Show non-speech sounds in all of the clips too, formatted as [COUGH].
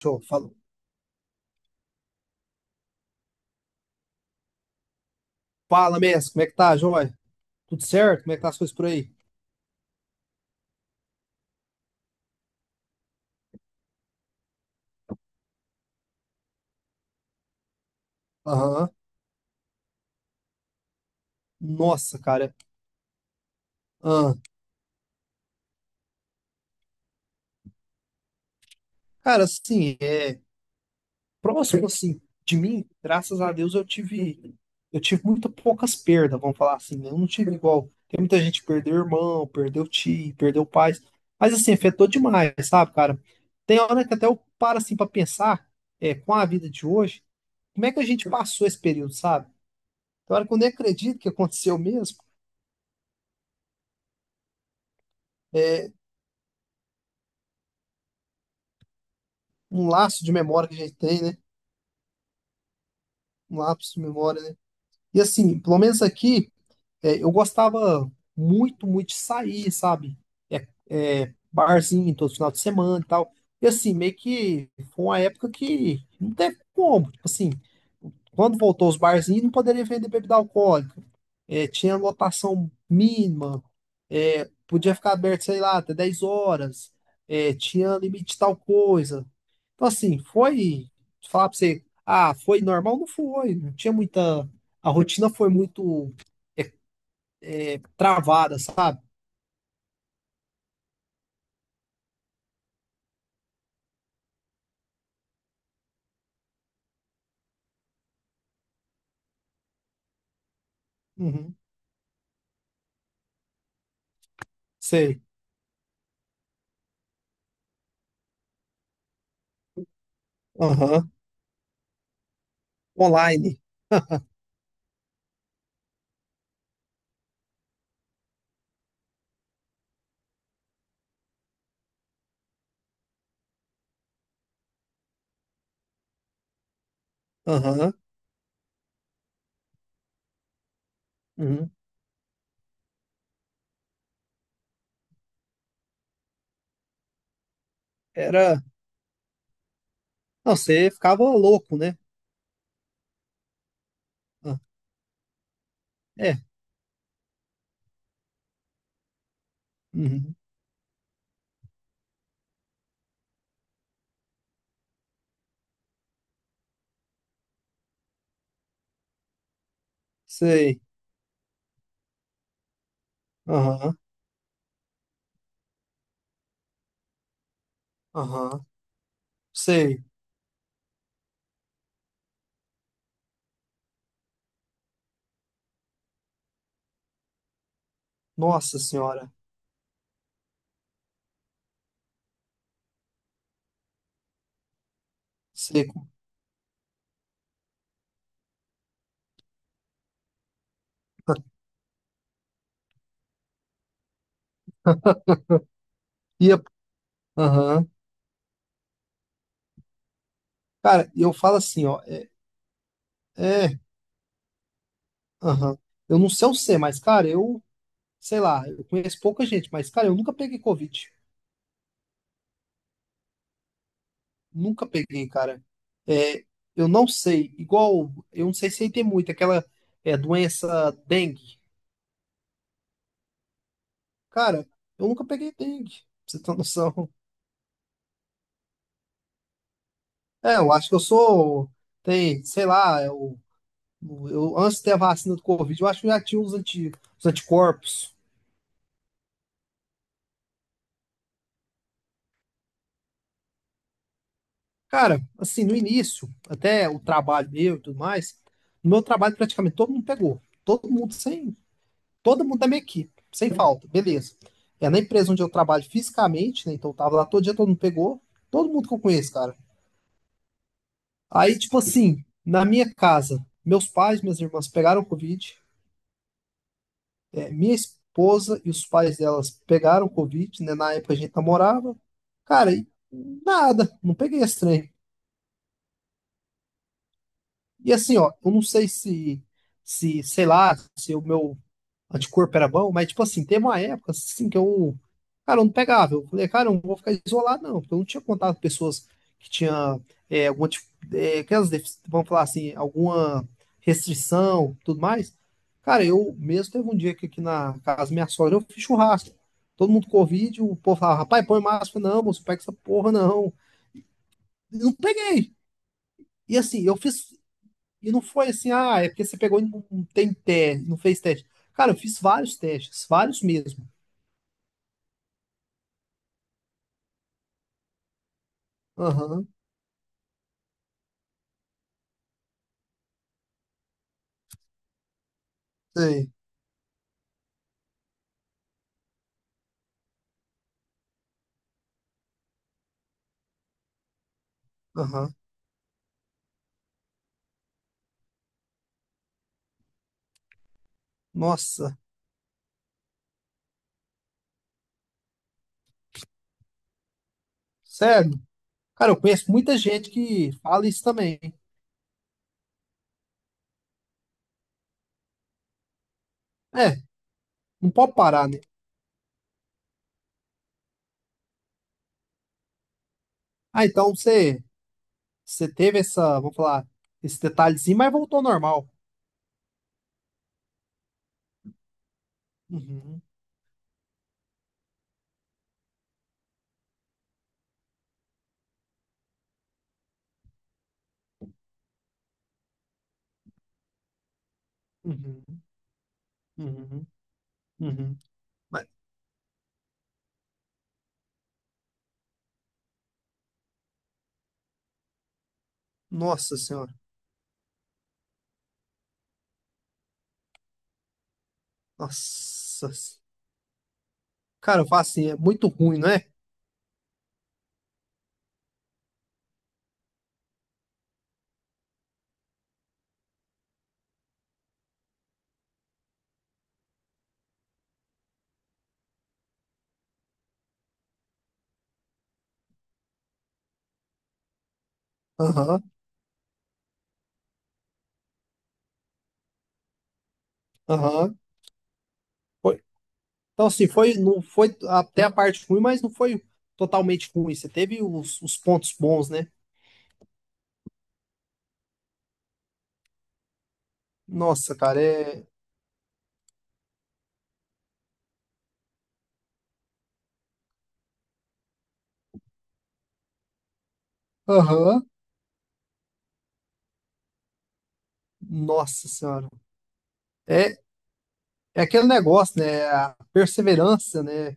Show. Fala, fala Messi, como é que tá, joia? Tudo certo? Como é que tá as coisas por aí? Aham. Nossa, cara. Ah, cara, assim, próximo assim de mim, graças a Deus eu tive muito poucas perdas, vamos falar assim, né? Eu não tive igual. Tem muita gente que perdeu irmão, perdeu tio, perdeu pais, mas assim, afetou demais, sabe, cara? Tem hora que até eu paro assim pra pensar, com a vida de hoje, como é que a gente passou esse período, sabe? Tem hora que eu nem acredito que aconteceu mesmo. é, um laço de memória que a gente tem, né? Um lapso de memória, né? E assim, pelo menos aqui, eu gostava muito, muito de sair, sabe? É, barzinho todo final de semana e tal. E assim, meio que foi uma época que não teve como. Tipo assim, quando voltou os barzinhos, não poderia vender bebida alcoólica. É, tinha lotação mínima. É, podia ficar aberto, sei lá, até 10 horas. É, tinha limite de tal coisa. Então, assim, foi. Falar pra você, ah, foi normal? Não foi. Não tinha muita. A rotina foi muito travada, sabe? Uhum. Sei. Aham. Online. [LAUGHS] Aham. Uhum. Era. Não, você ficava louco, né? Ah, é. Uhum. Sei. Aham. Aham. Sei. Nossa senhora. Sei. [LAUGHS] Ia. Aham. Cara, e eu falo assim, ó. É. Aham. Eu não sei o C, mas, cara, eu, sei lá, eu conheço pouca gente, mas, cara, eu nunca peguei Covid. Nunca peguei, cara. É, eu não sei, igual, eu não sei se aí tem muito, aquela doença dengue. Cara, eu nunca peguei dengue, pra você ter noção. É, eu acho que eu sou, tem, sei lá, eu antes de ter a vacina do Covid, eu acho que eu já tinha os anticorpos. Cara, assim, no início, até o trabalho meu e tudo mais, no meu trabalho praticamente todo mundo pegou. Todo mundo da minha equipe, sem falta, beleza. É na empresa onde eu trabalho fisicamente, né? Então eu tava lá todo dia, todo mundo pegou, todo mundo que eu conheço, cara. Aí, tipo assim, na minha casa, meus pais, minhas irmãs pegaram Covid, é, minha esposa e os pais delas pegaram Covid, né? Na época a gente namorava. Cara, e nada, não peguei esse trem. E assim, ó, eu não sei se, se, sei lá, se o meu anticorpo era bom, mas tipo assim, teve uma época assim que eu, cara, eu não pegava. Eu falei, cara, eu não vou ficar isolado, não, porque eu não tinha contato com pessoas que tinham é, alguma, tipo, é, aquelas, defici- vamos falar assim, alguma restrição, tudo mais. Cara, eu mesmo teve um dia que aqui na casa da minha sogra eu fiz churrasco. Todo mundo com Covid, o povo falava, rapaz, põe máscara, não, moço, pega essa porra, não. E não peguei. E assim, eu fiz e não foi assim, ah, é porque você pegou e não tem teste, não fez teste. Cara, eu fiz vários testes, vários mesmo. Aham, sei. Aham. Nossa, sério? Cara, eu conheço muita gente que fala isso também. É, não pode parar, né? Ah, então você, você teve essa, vamos falar, esse detalhezinho, mas voltou ao normal. Uhum, uhum, uhum, uhum. Mas, nossa senhora, nossa. Cara, eu falo assim, é muito ruim, não é? Aham, aham. Então, assim, foi, não foi até a parte ruim, mas não foi totalmente ruim. Você teve os pontos bons, né? Nossa, cara, é. Aham. Nossa Senhora. É, é aquele negócio, né? A perseverança, né?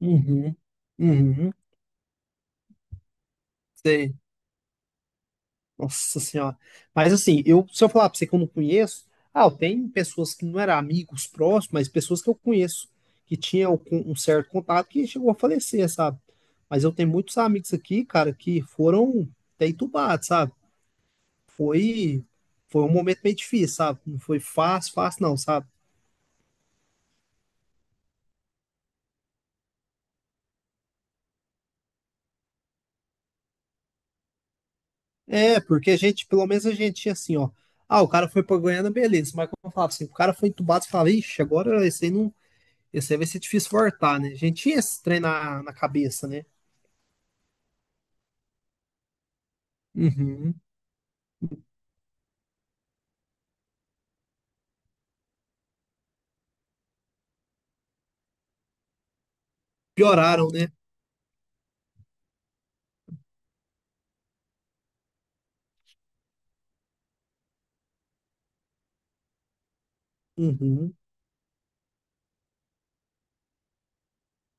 Uhum. Uhum. Sei. Nossa senhora. Mas assim, eu, se eu falar pra você que eu não conheço, ah, eu tenho pessoas que não eram amigos próximos, mas pessoas que eu conheço, que tinham um certo contato que chegou a falecer, sabe? Mas eu tenho muitos amigos aqui, cara, que foram até entubados, sabe? Foi, foi um momento meio difícil, sabe? Não foi fácil não, sabe? É, porque a gente, pelo menos a gente tinha assim, ó. Ah, o cara foi pra Goiânia, beleza. Mas como eu falava assim, o cara foi entubado, você falava, ixi, agora esse aí não. Esse aí vai ser difícil voltar, né? A gente tinha esse trem na cabeça, né? Uhum. Pioraram, né? Uhum.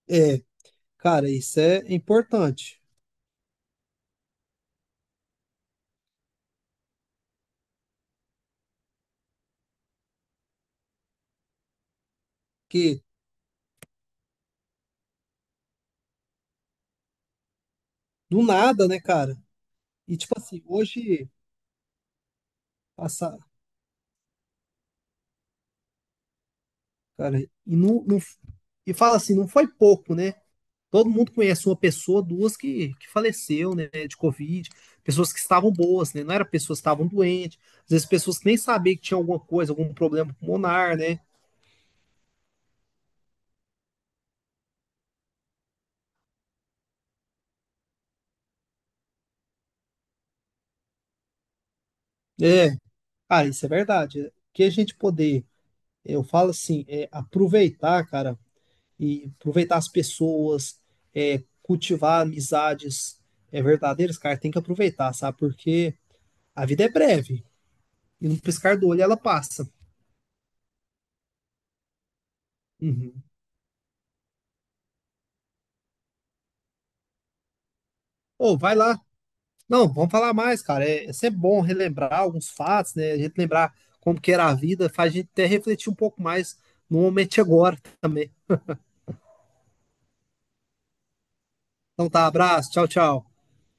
É, cara, isso é importante. Porque do nada, né, cara? E tipo assim, hoje passar, cara, e não, não- e fala assim, não foi pouco, né? Todo mundo conhece uma pessoa, duas que faleceu, né, de Covid, pessoas que estavam boas, né? Não era pessoas que estavam doentes, às vezes pessoas que nem sabiam que tinha alguma coisa, algum problema pulmonar, né? É, cara, isso é verdade. É, que a gente poder. Eu falo assim, é, aproveitar, cara, e aproveitar as pessoas, é, cultivar amizades é, verdadeiras, cara, tem que aproveitar, sabe? Porque a vida é breve e num piscar do olho ela passa. Uhum. Ô, vai lá. Não, vamos falar mais, cara. É, é sempre bom relembrar alguns fatos, né? A gente lembrar como que era a vida, faz a gente até refletir um pouco mais no momento de agora também. Então tá, abraço, tchau, tchau.